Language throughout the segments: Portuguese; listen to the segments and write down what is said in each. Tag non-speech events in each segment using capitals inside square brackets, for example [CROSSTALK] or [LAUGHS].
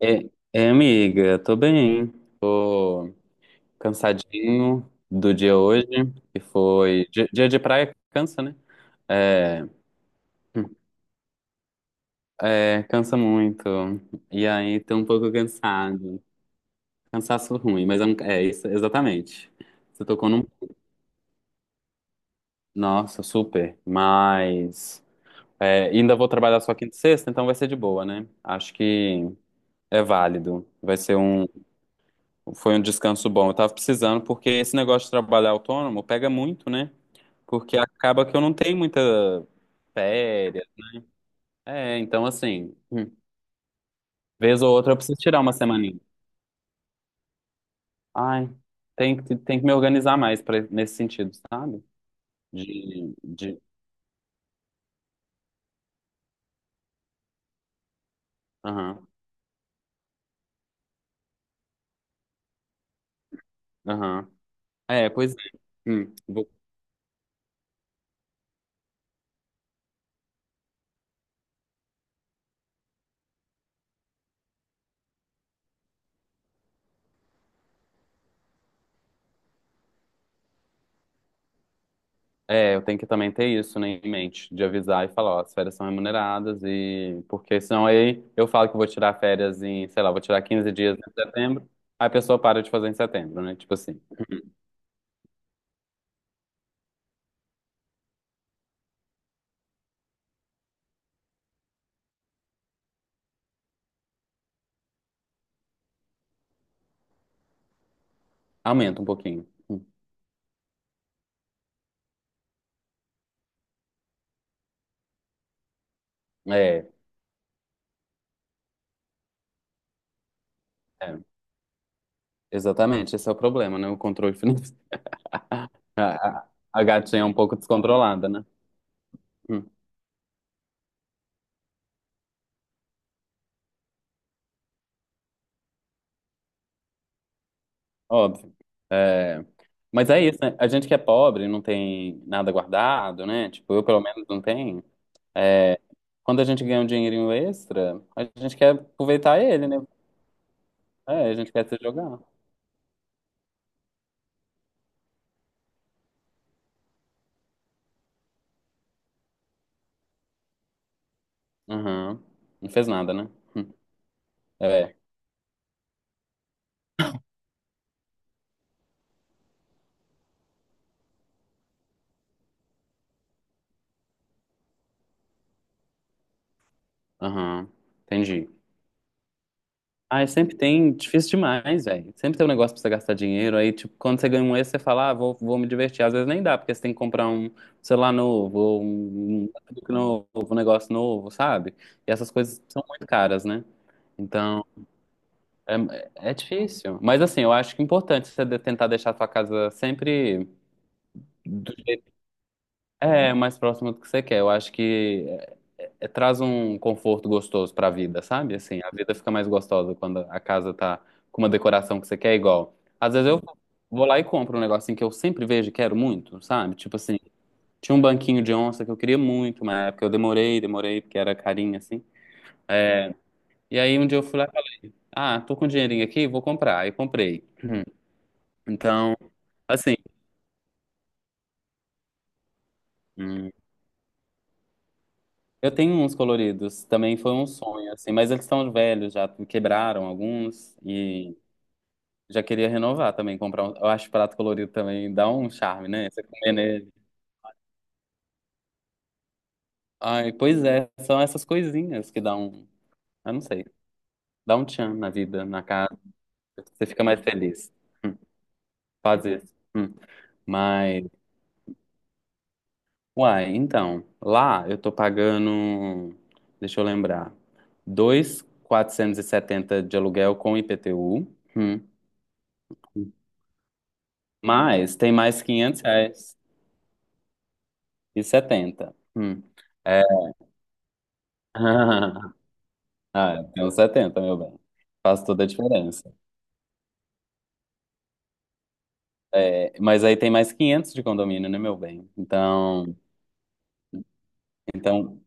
É, amiga, tô bem. Tô cansadinho do dia hoje, que foi. Dia, dia de praia cansa, né? É, é, cansa muito. E aí, tô um pouco cansado. Cansaço ruim, mas é, é isso, exatamente. Você tocou num. Nossa, super. Mas. É, ainda vou trabalhar só quinta e sexta, então vai ser de boa, né? Acho que é válido. Vai ser um Foi um descanso bom. Eu tava precisando, porque esse negócio de trabalhar autônomo pega muito, né? Porque acaba que eu não tenho muita férias. É, então assim, vez ou outra eu preciso tirar uma semaninha. Ai, tem que me organizar mais pra, nesse sentido, sabe? De, de, aham, aham. É, pois é. Hum, vou- É, eu tenho que também ter isso, né, em mente, de avisar e falar, ó, as férias são remuneradas e porque senão aí eu falo que vou tirar férias em, sei lá, vou tirar 15 dias em setembro, aí a pessoa para de fazer em setembro, né? Tipo assim, aumenta um pouquinho. É, é, exatamente, esse é o problema, né? O controle financeiro. [LAUGHS] A, a, a gatinha é um pouco descontrolada, né? Hum, óbvio. É, mas é isso, né? A gente que é pobre, não tem nada guardado, né? Tipo, eu pelo menos não tenho. É, quando a gente ganha um dinheirinho extra, a gente quer aproveitar ele, né? É, a gente quer se jogar. Aham. Não fez nada, né? [LAUGHS] É. Aham. Entendi. Ah, sempre tem. Difícil demais, velho. Sempre tem um negócio pra você gastar dinheiro. Aí, tipo, quando você ganha um extra, você fala, ah, vou me divertir. Às vezes nem dá, porque você tem que comprar um celular novo, ou um notebook novo, um negócio novo, sabe? E essas coisas são muito caras, né? Então. É, difícil. Mas assim, eu acho que é importante você tentar deixar a sua casa sempre do- é mais próximo do que você quer. Eu acho que traz um conforto gostoso pra vida, sabe? Assim, a vida fica mais gostosa quando a casa tá com uma decoração que você quer igual. Às vezes eu vou lá e compro um negocinho que eu sempre vejo e quero muito, sabe? Tipo assim, tinha um banquinho de onça que eu queria muito, uma época eu demorei, demorei, porque era carinho assim. E aí um dia eu fui lá, ah, tô com um dinheirinho aqui, vou comprar. Aí comprei. Então, assim. hum, Eu tenho uns coloridos, também foi um sonho, assim, mas eles estão velhos já, quebraram alguns e já queria renovar também, comprar um, eu acho prato colorido também dá um charme, né? Você comer nele. Ai, pois é, são essas coisinhas que dão, eu não sei, dá um tchan na vida, na casa, você fica mais feliz, faz isso. Hum. Mas, uai, então, lá eu tô pagando, deixa eu lembrar, 2.470 de aluguel com IPTU. Hum. Mas tem mais R$ 500 e 70. Hum. É. [LAUGHS] Ah, tem uns 70, meu bem. Faz toda a diferença. É, mas aí tem mais 500 de condomínio, né, meu bem? Então, então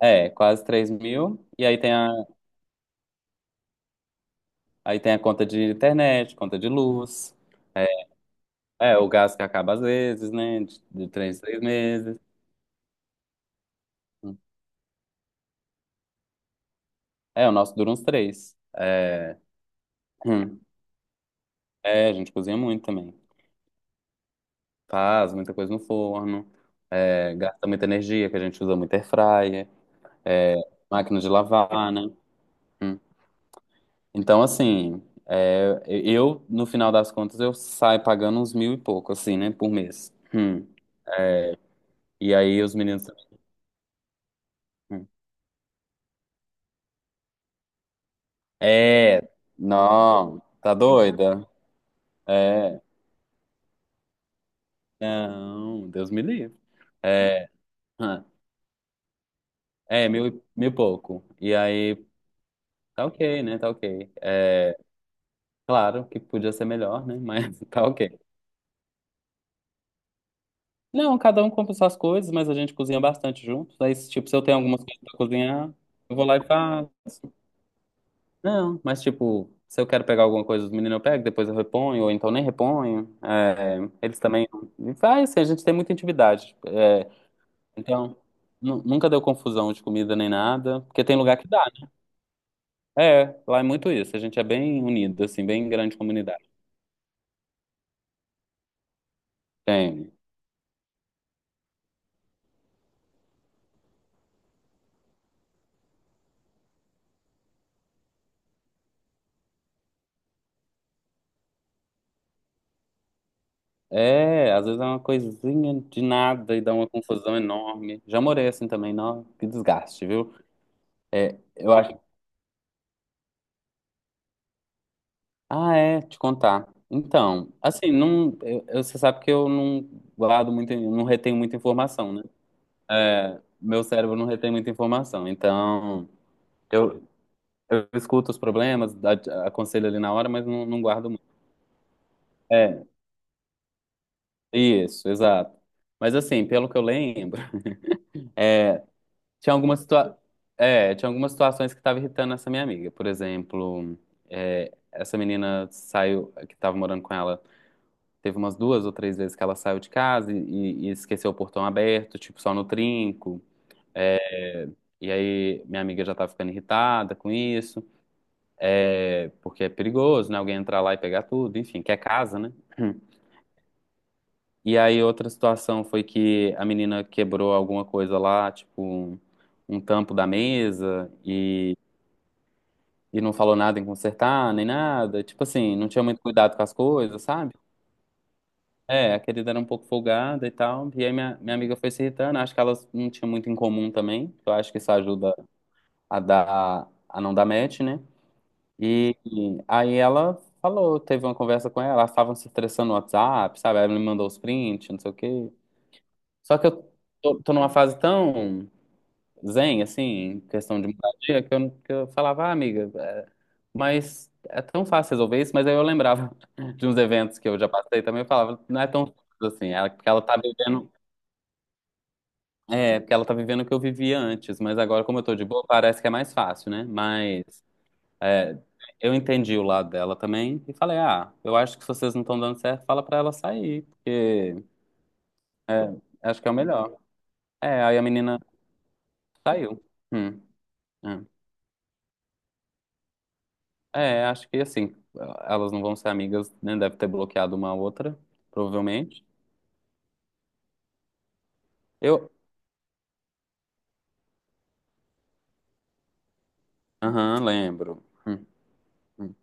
quase 3.000. E aí tem a conta de internet, conta de luz. É, é, o gás que acaba às vezes, né? De três em três meses. É, o nosso dura uns três. É, hum. É, a gente cozinha muito também. Faz muita coisa no forno, é, gasta muita energia, que a gente usa muito air fryer, é, máquina de lavar, né? Hum. Então, assim, é, eu, no final das contas, eu saio pagando uns mil e pouco, assim, né, por mês. Hum. E aí os meninos também. Hum. É, não, tá doida? É, não, Deus me livre. É, hum. É mil e pouco. E aí, tá ok, né? Tá ok. É, claro que podia ser melhor, né? Mas [LAUGHS] tá ok. Não, cada um compra suas coisas, mas a gente cozinha bastante juntos. Aí, se, tipo, se eu tenho algumas coisas pra cozinhar, eu vou lá e faço. Não, mas, tipo, se eu quero pegar alguma coisa dos meninos, eu pego, depois eu reponho, ou então nem reponho. É, eles também. E vai, assim, a gente tem muita intimidade. É, então, nunca deu confusão de comida nem nada, porque tem lugar que dá. É, lá é muito isso. A gente é bem unido, assim, bem grande comunidade. Tem. É, às vezes é uma coisinha de nada e dá uma confusão enorme. Já morei assim também, não, que desgaste, viu? É, eu acho. Ah, é, te contar. Então, assim, não, você sabe que eu não guardo muito, eu não retenho muita informação, né? É, meu cérebro não retém muita informação. Então, eu, eu escuto os problemas, aconselho ali na hora, mas não, não guardo muito. É, isso, exato. Mas assim, pelo que eu lembro, [LAUGHS] tinha algumas situa- tinha algumas situações que estavam irritando essa minha amiga. Por exemplo, é, essa menina saiu, que estava morando com ela. Teve umas duas ou três vezes que ela saiu de casa e esqueceu o portão aberto, tipo, só no trinco. E aí minha amiga já tá ficando irritada com isso, é, porque é perigoso, né? Alguém entrar lá e pegar tudo, enfim, que é casa, né? E aí outra situação foi que a menina quebrou alguma coisa lá, tipo um tampo da mesa e não falou nada em consertar, nem nada. Tipo assim, não tinha muito cuidado com as coisas, sabe? É, a querida era um pouco folgada e tal. E aí minha amiga foi se irritando. Acho que elas não tinham muito em comum também. Eu acho que isso ajuda a dar, a não dar match, né? E aí ela falou, teve uma conversa com ela, elas estavam se estressando no WhatsApp, sabe? Ela me mandou os prints, não sei o quê. Só que eu tô numa fase tão zen, assim, em questão de moradia, que eu, não- que eu falava, ah, amiga, é, mas é tão fácil resolver isso. Mas aí eu lembrava [LAUGHS] de uns eventos que eu já passei também, eu falava, não é tão simples assim, ela, porque ela tá vivendo o que eu vivia antes, mas agora, como eu tô de boa, parece que é mais fácil, né? Mas é, eu entendi o lado dela também e falei, ah, eu acho que se vocês não estão dando certo, fala pra ela sair, porque é, acho que é o melhor. É, aí a menina saiu. Hum, é. É, acho que assim, elas não vão ser amigas, né? Deve ter bloqueado uma a outra, provavelmente. Eu, aham, lembro. Hum,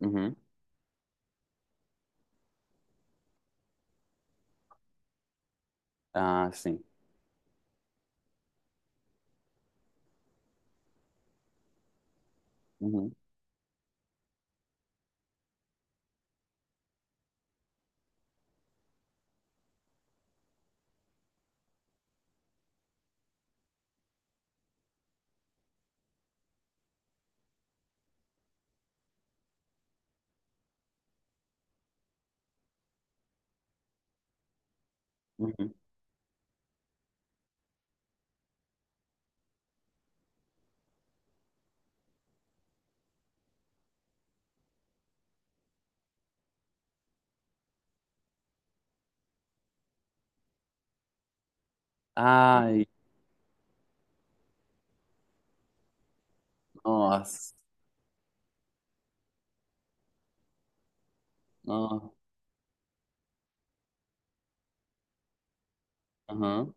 uhum. Ah, sim. Uhum, uhum. Ai, nossa. Nossa. Aham.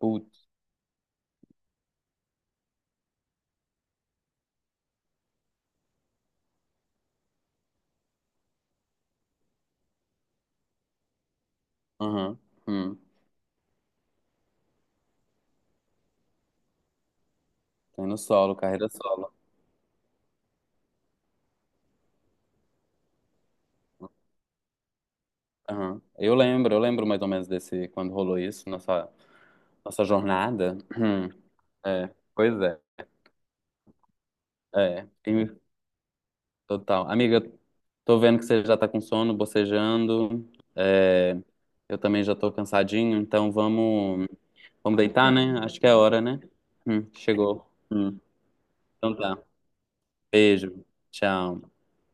Putz. Aham. Hum. Tem no solo, carreira solo. Aham. Eu lembro mais ou menos desse, quando rolou isso, nossa, nossa jornada. Hum. É, pois é. É, total. Amiga, tô vendo que você já tá com sono, bocejando. É, eu também já tô cansadinho, então vamos, deitar, né? Acho que é a hora, né? Chegou. Hum. Então tá. Beijo. Tchau.